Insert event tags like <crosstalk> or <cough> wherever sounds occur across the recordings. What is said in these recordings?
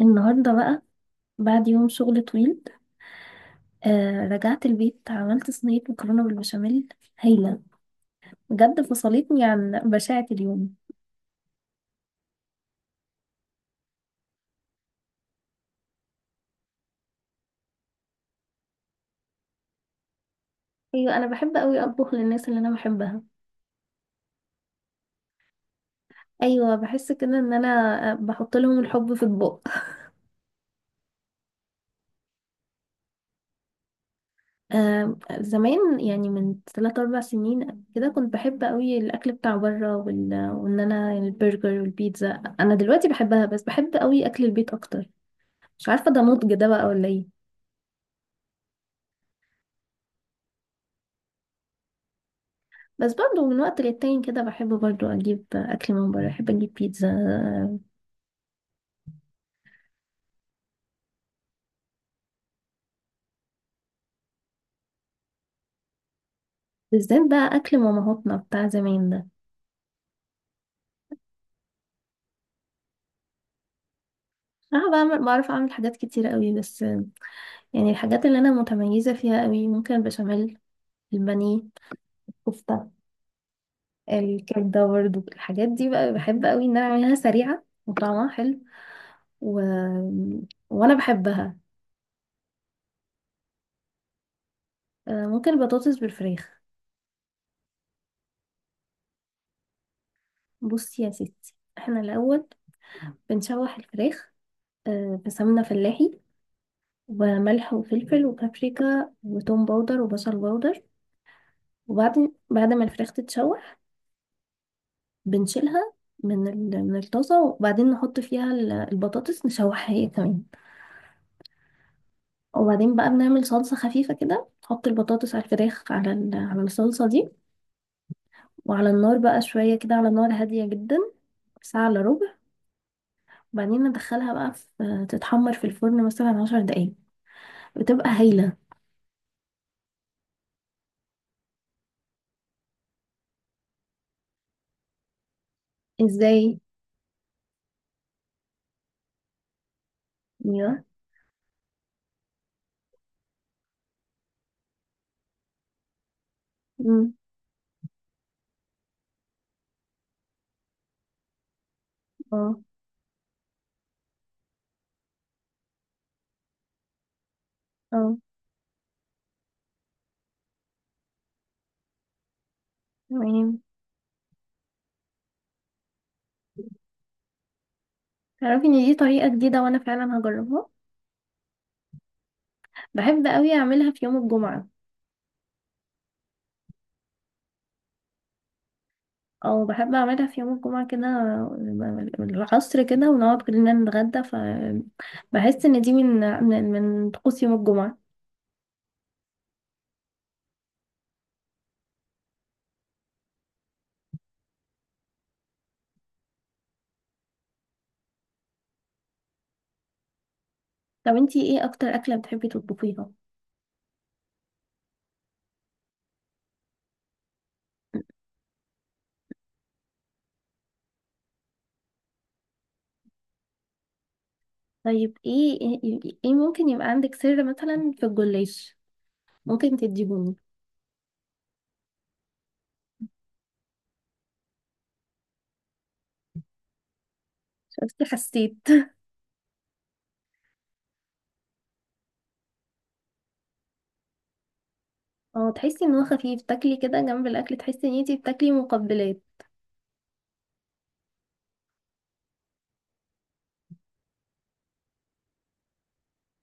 النهاردة بقى بعد يوم شغل طويل، رجعت البيت، عملت صينية مكرونة بالبشاميل هايلة. بجد فصلتني عن بشاعة اليوم. أيوة، أنا بحب أوي أطبخ للناس اللي أنا بحبها. أيوة، بحس كده إن أنا، بحط لهم الحب في أطباق. زمان يعني من تلات أربع سنين كده كنت بحب أوي الأكل بتاع بره وإن أنا البرجر والبيتزا. أنا دلوقتي بحبها، بس بحب أوي أكل البيت أكتر. مش عارفة ده نضج ده بقى ولا إيه. بس برضه من وقت للتاني كده بحب برضه أجيب أكل من بره، بحب أجيب بيتزا. بالذات بقى أكل مامهاتنا بتاع زمان ده. أنا بعمل، بعرف أعمل حاجات كتيرة قوي، بس يعني الحاجات اللي أنا متميزة فيها قوي، ممكن البشاميل، البانيه، الكفتة، الكبدة. برضه الحاجات دي بقى بحب قوي إن أنا أعملها سريعة وطعمها حلو. و... وأنا بحبها. ممكن البطاطس بالفراخ. بصي يا ستي، احنا الأول بنشوح الفراخ، في سمنة فلاحي، وملح وفلفل وبابريكا وتوم باودر وبصل باودر. وبعدين بعد ما الفراخ تتشوح بنشيلها من الطاسة، وبعدين نحط فيها البطاطس، نشوحها هي كمان. وبعدين بقى بنعمل صلصة خفيفة كده، نحط البطاطس على الفراخ، على الصلصة دي. وعلى النار بقى شوية كده على نار هادية جدا، ساعة إلا ربع. وبعدين ندخلها بقى في تتحمر في الفرن مثلا 10 دقايق. بتبقى هايلة. ازاي؟ ايوه. مم. اه. اه. تمام. تعرفي ان دي طريقة جديدة وانا فعلا هجربها. بحب قوي اعملها في يوم الجمعة. او بحب اعملها في يوم الجمعة كده العصر كده، ونقعد كلنا نتغدى، فبحس ان دي من طقوس يوم الجمعة. طب انتي ايه اكتر اكلة بتحبي تطبخيها؟ طيب إيه ممكن يبقى عندك سر مثلا في الجلاش؟ ممكن تديهوني؟ شفتي، حسيت. اه، تحسي ان هو خفيف، تاكلي كده جنب الاكل تحسي ان انتي بتاكلي مقبلات.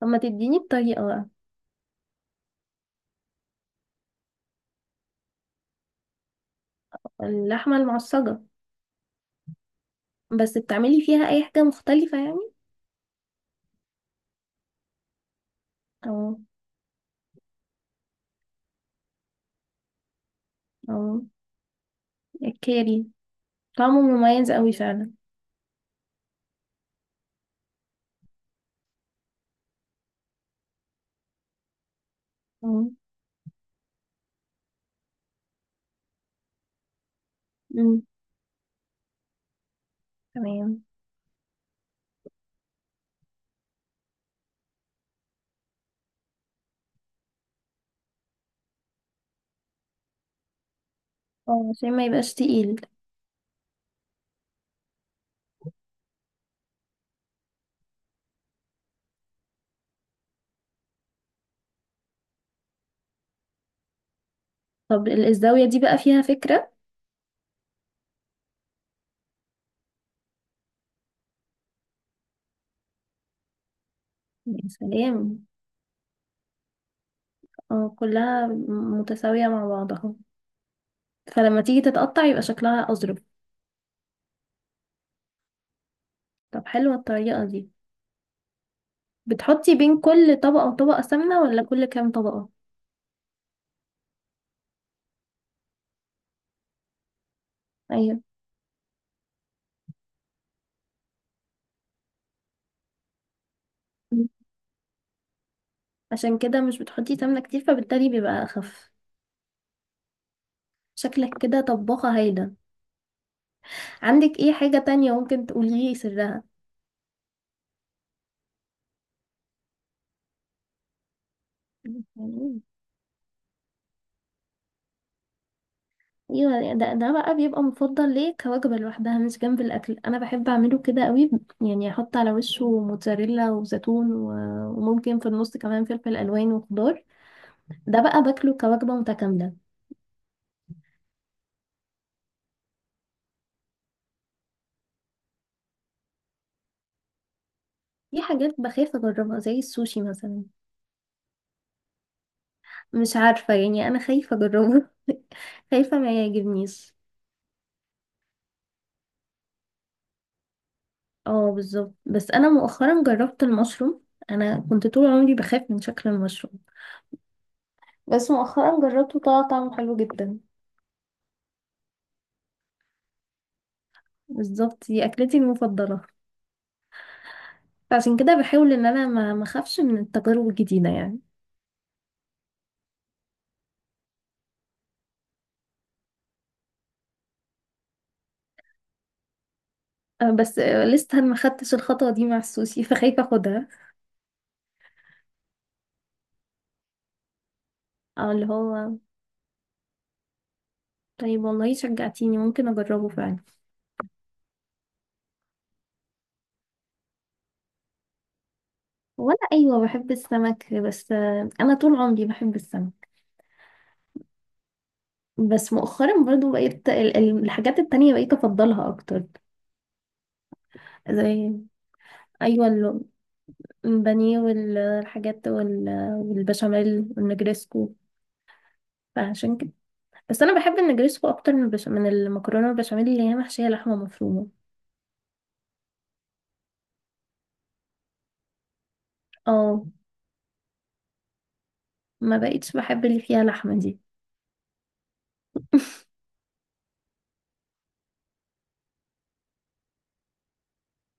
طب ما تديني الطريقة بقى. اللحمة المعصجة؟ بس بتعملي فيها اي حاجة مختلفة يعني؟ اه. اه. الكاري. طعمه مميز قوي فعلا. اه. أمم، تمام. اه، عشان ما يبقاش تقيل. طب الزاوية دي بقى فيها فكرة. يا سلام. اه، كلها متساوية مع بعضها. فلما تيجي تتقطع يبقى شكلها أظرف. طب حلوة الطريقة دي. بتحطي بين كل طبقة وطبقة سمنة ولا كل كام طبقة؟ ايوه. أمم، عشان كده مش بتحطي سمنة كتير، فبالتالي بيبقى أخف. شكلك كده طباخة هايلة. عندك ايه حاجة تانية ممكن تقولي لي سرها؟ مم. <laughs> ايوه، ده بقى بيبقى مفضل ليه كوجبة لوحدها مش جنب الاكل، انا بحب اعمله كده قوي. يعني احط على وشه موتزاريلا وزيتون وممكن في النص كمان فلفل الوان وخضار. ده بقى باكله كوجبة متكاملة. في حاجات بخاف اجربها زي السوشي مثلا. مش عارفة يعني، انا خايفة اجربه. <laughs> خايفة ما يعجبنيش. اه بالظبط. بس انا مؤخرا جربت المشروم. انا كنت طول عمري بخاف من شكل المشروم، بس مؤخرا جربته طلع طعمه حلو جدا. بالظبط، دي أكلتي المفضلة. عشان كده بحاول إن أنا ما أخافش من التجارب الجديدة يعني. أه، بس لسه ما خدتش الخطوة دي مع السوشي. <laughs> فخايفة أخدها. أه، اللي هو. طيب والله شجعتيني، ممكن أجربه فعلا. وأنا أيوة بحب السمك. بس أنا طول عمري بحب السمك. بس مؤخرا برضو بقيت الحاجات التانية بقيت أفضلها أكتر. زي، أيوة البانيه والحاجات والبشاميل والنجريسكو. فعشان كده. بس انا بحب النجريسكو اكتر من من المكرونه البشاميل اللي هي محشيه لحمه مفرومه. اه، ما بقيتش بحب اللي فيها لحمه دي. <laughs>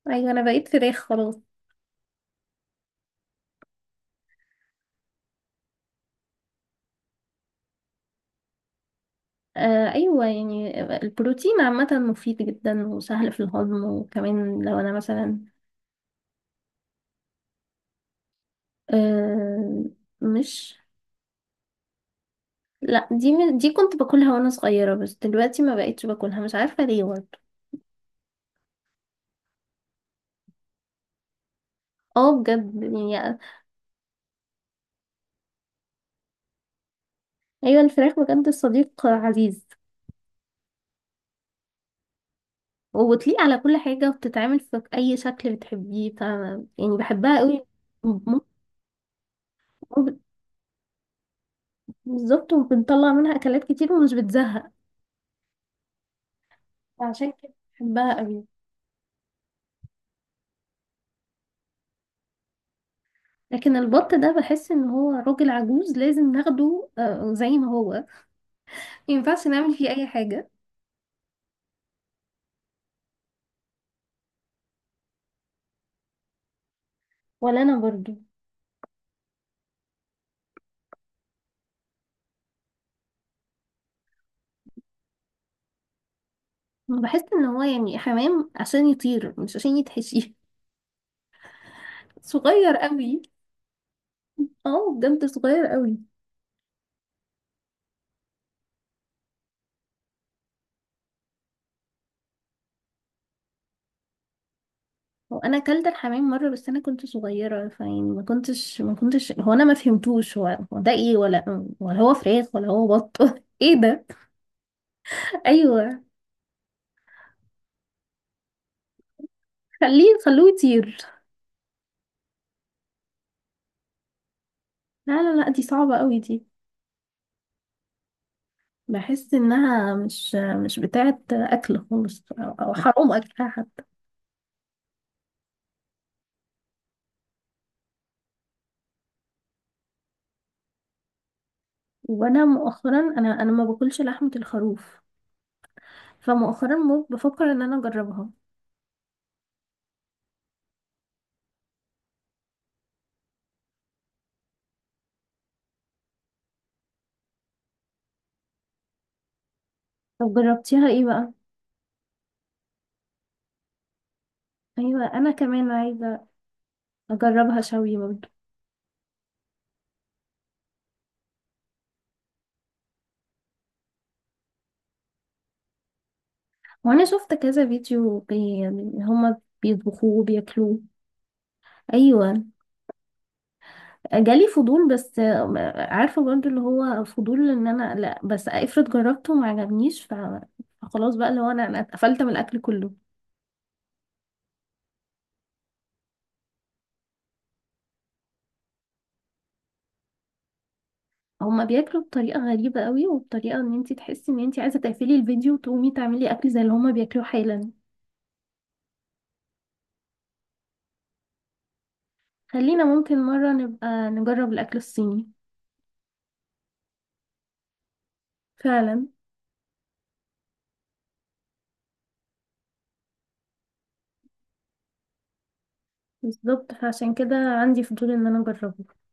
ايوه، انا بقيت فراخ خلاص. ايوه، يعني البروتين عامه مفيد جدا وسهل في الهضم، وكمان لو انا مثلا. آه مش، لا، دي دي كنت باكلها وانا صغيره، بس دلوقتي ما بقيتش باكلها مش عارفه ليه برضه. اه بجد. يعني ايوه، الفراخ بجد صديق عزيز. وبتليق على كل حاجة وبتتعمل في أي شكل بتحبيه، ف يعني بحبها قوي. ممكن- وب- بالظبط، وبنطلع منها أكلات كتير ومش بتزهق. فعشان كده بحبها قوي. لكن البط ده بحس ان هو راجل عجوز لازم ناخده زي ما هو. مينفعش نعمل فيه أي حاجة. ولا أنا برضو. بحس ان هو يعني حمام عشان يطير مش عشان يتحشي. <laughs> صغير قوي. اه بجد، صغير قوي. هو انا اكلت الحمام مره بس انا كنت صغيره، فيعني ما كنتش هو انا ما فهمتوش، هو ده ايه، ولا هو فراخ ولا هو بط. <laughs> ايه ده. ايوه، خليه، خلوه يطير. لا لا لا، دي صعبه قوي دي. بحس انها مش، مش بتاعه اكل خالص، او أو حرام اكلها حتى. وانا مؤخرا، انا ما باكلش لحمه الخروف. فمؤخرا بفكر ان انا اجربها. طب جربتيها ايه بقى؟ ايوه، انا كمان عايزه اجربها شوي. وانا شفت كذا فيديو يعني هما بيطبخوه وبياكلوه. ايوه، جالي فضول. بس عارفه برضو اللي هو فضول ان انا لا، بس افرض جربته وما عجبنيش فخلاص بقى اللي هو، انا اتقفلت من الاكل كله. هما بياكلوا بطريقه غريبه قوي، وبطريقه ان انتي تحسي ان انتي عايزه تقفلي الفيديو وتقومي تعملي اكل زي اللي هما بياكلوه حالا. خلينا ممكن مره نبقى نجرب الاكل الصيني. فعلا. بالظبط فعشان كده عندي فضول ان انا اجربه.